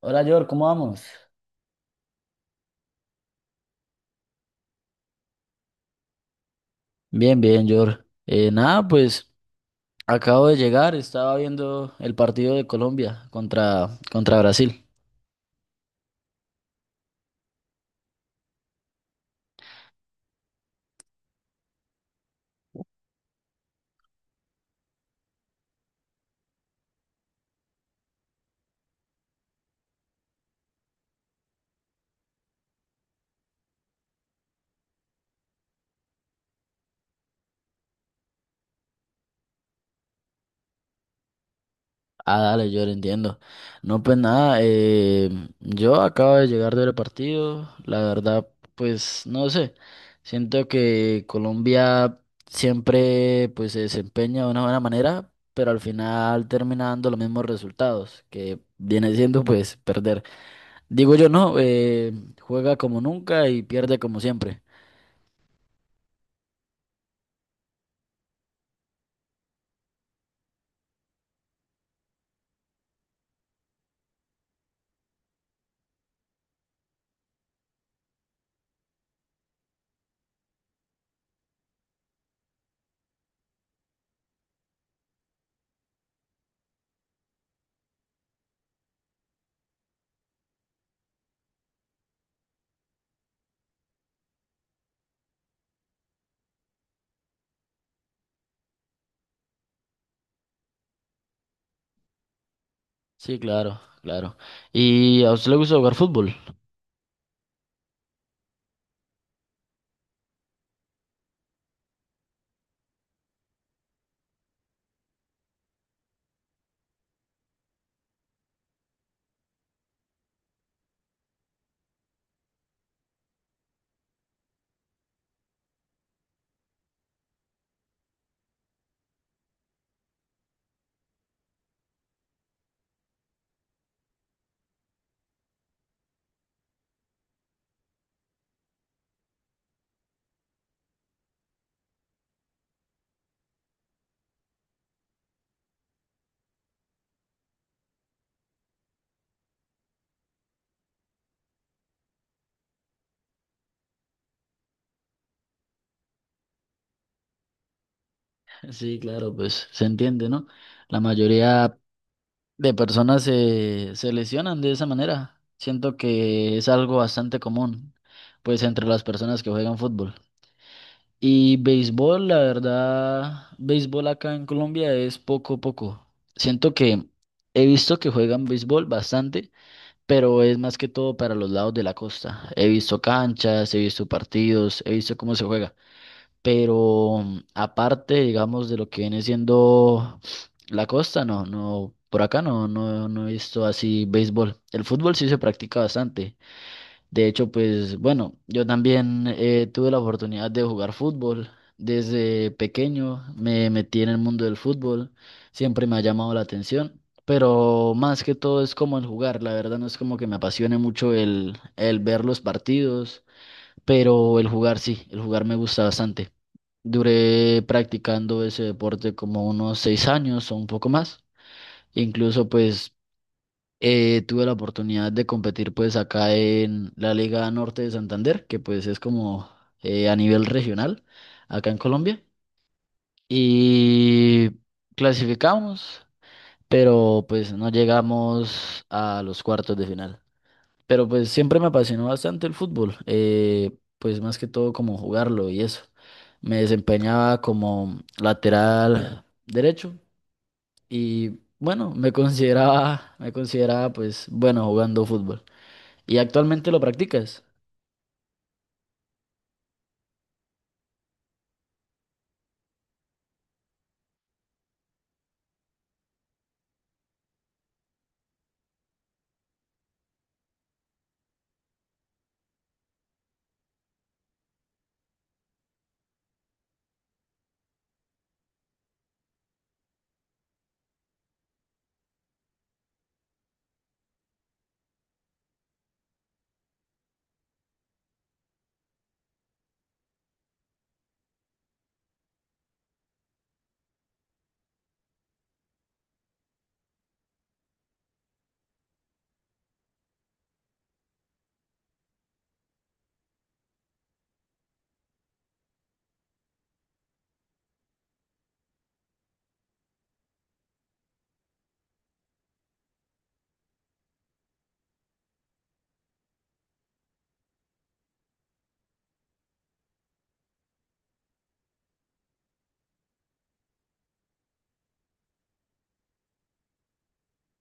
Hola, George, ¿cómo vamos? Bien, bien, Jor. Nada, pues acabo de llegar, estaba viendo el partido de Colombia contra Brasil. Ah, dale, Jor, entiendo. No, pues nada, yo acabo de llegar del partido, la verdad, pues no sé, siento que Colombia siempre pues se desempeña de una buena manera, pero al final termina dando los mismos resultados, que viene siendo pues perder. Digo yo, no, juega como nunca y pierde como siempre. Sí, claro, claro. ¿Y a usted le gusta jugar fútbol? Sí, claro, pues se entiende, ¿no? La mayoría de personas se lesionan de esa manera. Siento que es algo bastante común, pues entre las personas que juegan fútbol. Y béisbol, la verdad, béisbol acá en Colombia es poco, a poco. Siento que he visto que juegan béisbol bastante, pero es más que todo para los lados de la costa. He visto canchas, he visto partidos, he visto cómo se juega, pero aparte, digamos, de lo que viene siendo la costa, por acá no he visto así béisbol. El fútbol sí se practica bastante. De hecho, pues bueno, yo también tuve la oportunidad de jugar fútbol. Desde pequeño me metí en el mundo del fútbol, siempre me ha llamado la atención, pero más que todo es como el jugar. La verdad no es como que me apasione mucho el ver los partidos, pero el jugar sí, el jugar me gusta bastante. Duré practicando ese deporte como unos 6 años o un poco más. Incluso pues tuve la oportunidad de competir pues acá en la Liga Norte de Santander, que pues es como a nivel regional acá en Colombia. Y clasificamos, pero pues no llegamos a los cuartos de final. Pero pues siempre me apasionó bastante el fútbol, pues más que todo como jugarlo y eso. Me desempeñaba como lateral derecho y bueno, me consideraba pues bueno jugando fútbol. ¿Y actualmente lo practicas?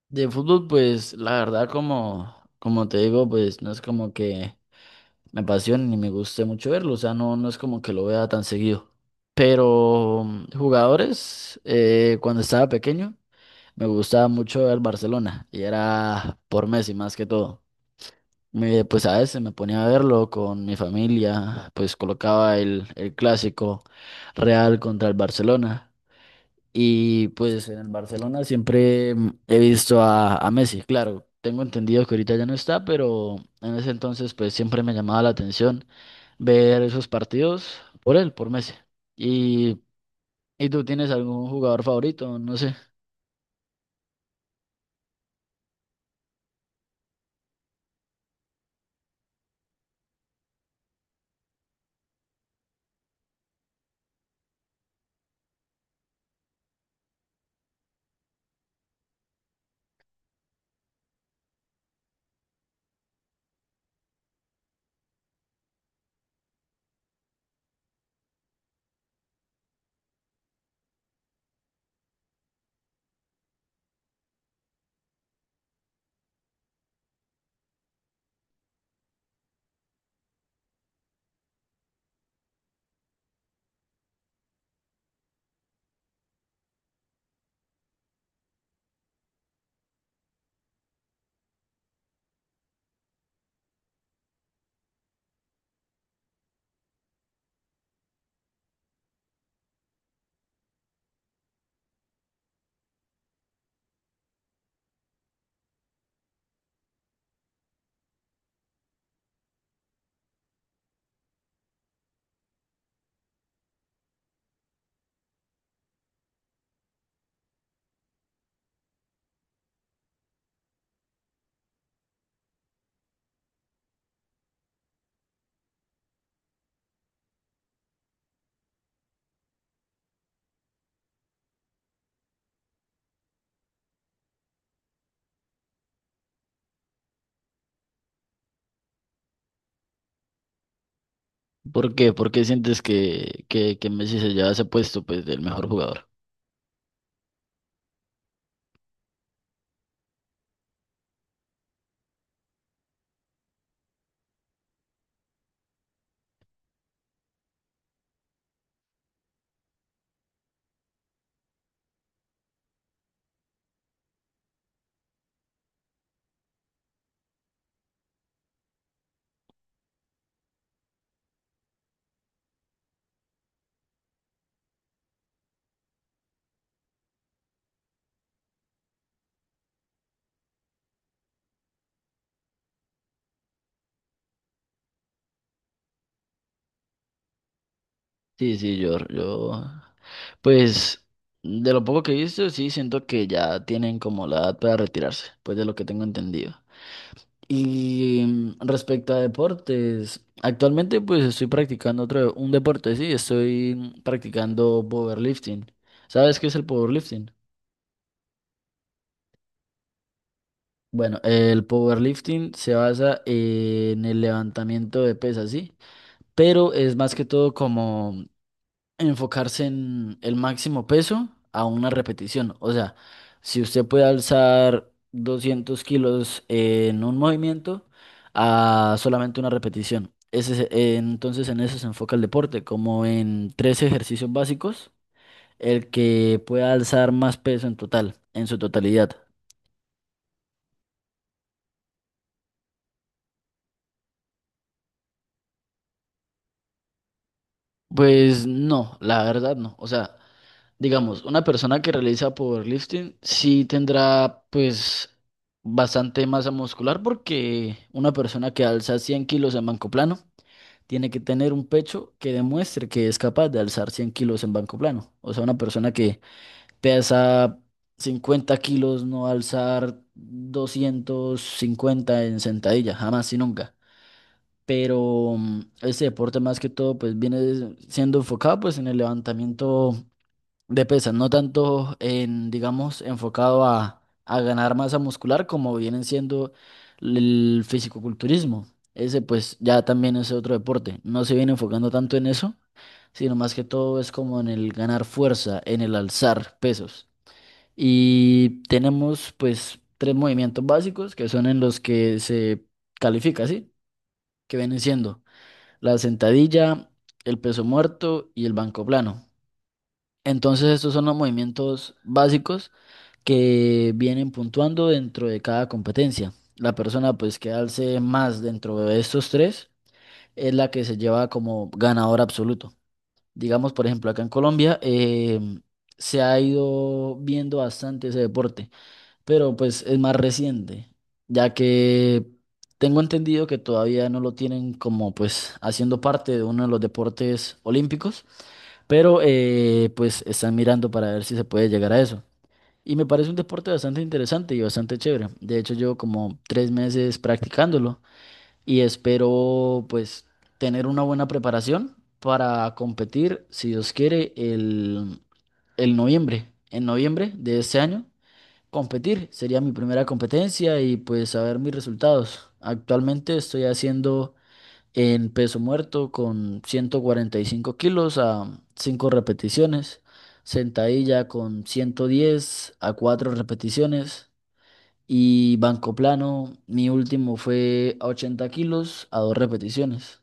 De fútbol, pues la verdad, como te digo, pues no es como que me apasione ni me guste mucho verlo. O sea, no es como que lo vea tan seguido. Pero jugadores, cuando estaba pequeño, me gustaba mucho el Barcelona y era por Messi más que todo. Pues a veces me ponía a verlo con mi familia, pues colocaba el clásico Real contra el Barcelona. Y pues en el Barcelona siempre he visto a Messi, claro, tengo entendido que ahorita ya no está, pero en ese entonces pues siempre me llamaba la atención ver esos partidos por él, por Messi. ¿Y, y tú tienes algún jugador favorito? No sé. ¿Por qué? ¿Por qué sientes que, que Messi se lleva ese puesto pues del mejor jugador? Sí, sí, pues de lo poco que he visto, sí siento que ya tienen como la edad para retirarse, pues de lo que tengo entendido. Y respecto a deportes, actualmente pues estoy practicando otro, un deporte, sí, estoy practicando powerlifting. ¿Sabes qué es el powerlifting? Bueno, el powerlifting se basa en el levantamiento de pesas, sí, pero es más que todo como enfocarse en el máximo peso a una repetición. O sea, si usted puede alzar 200 kilos en un movimiento a solamente una repetición. Entonces en eso se enfoca el deporte, como en tres ejercicios básicos, el que pueda alzar más peso en total, en su totalidad. Pues no, la verdad no. O sea, digamos, una persona que realiza powerlifting sí tendrá pues bastante masa muscular, porque una persona que alza 100 kilos en banco plano tiene que tener un pecho que demuestre que es capaz de alzar 100 kilos en banco plano. O sea, una persona que pesa 50 kilos no va a alzar 250 en sentadilla, jamás y nunca. Pero este deporte más que todo pues viene siendo enfocado pues en el levantamiento de pesas, no tanto en, digamos, enfocado a ganar masa muscular como vienen siendo el fisicoculturismo. Ese pues ya también es otro deporte. No se viene enfocando tanto en eso, sino más que todo es como en el ganar fuerza, en el alzar pesos. Y tenemos pues tres movimientos básicos que son en los que se califica, ¿sí? Que vienen siendo la sentadilla, el peso muerto y el banco plano. Entonces, estos son los movimientos básicos que vienen puntuando dentro de cada competencia. La persona pues que alce más dentro de estos tres es la que se lleva como ganador absoluto. Digamos, por ejemplo, acá en Colombia se ha ido viendo bastante ese deporte, pero pues es más reciente, ya que tengo entendido que todavía no lo tienen como pues haciendo parte de uno de los deportes olímpicos, pero pues están mirando para ver si se puede llegar a eso. Y me parece un deporte bastante interesante y bastante chévere. De hecho, llevo como 3 meses practicándolo y espero pues tener una buena preparación para competir, si Dios quiere, el noviembre. En noviembre de este año, competir sería mi primera competencia y pues saber mis resultados. Actualmente estoy haciendo en peso muerto con 145 kilos a 5 repeticiones, sentadilla con 110 a 4 repeticiones, y banco plano, mi último fue a 80 kilos a 2 repeticiones.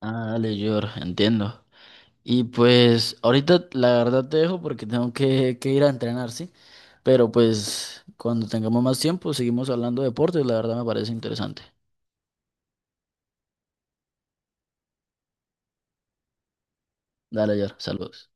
Ah, dale, George, entiendo. Y pues ahorita la verdad te dejo porque tengo que ir a entrenar, ¿sí? Pero pues cuando tengamos más tiempo seguimos hablando de deportes, la verdad me parece interesante. Dale, George, saludos.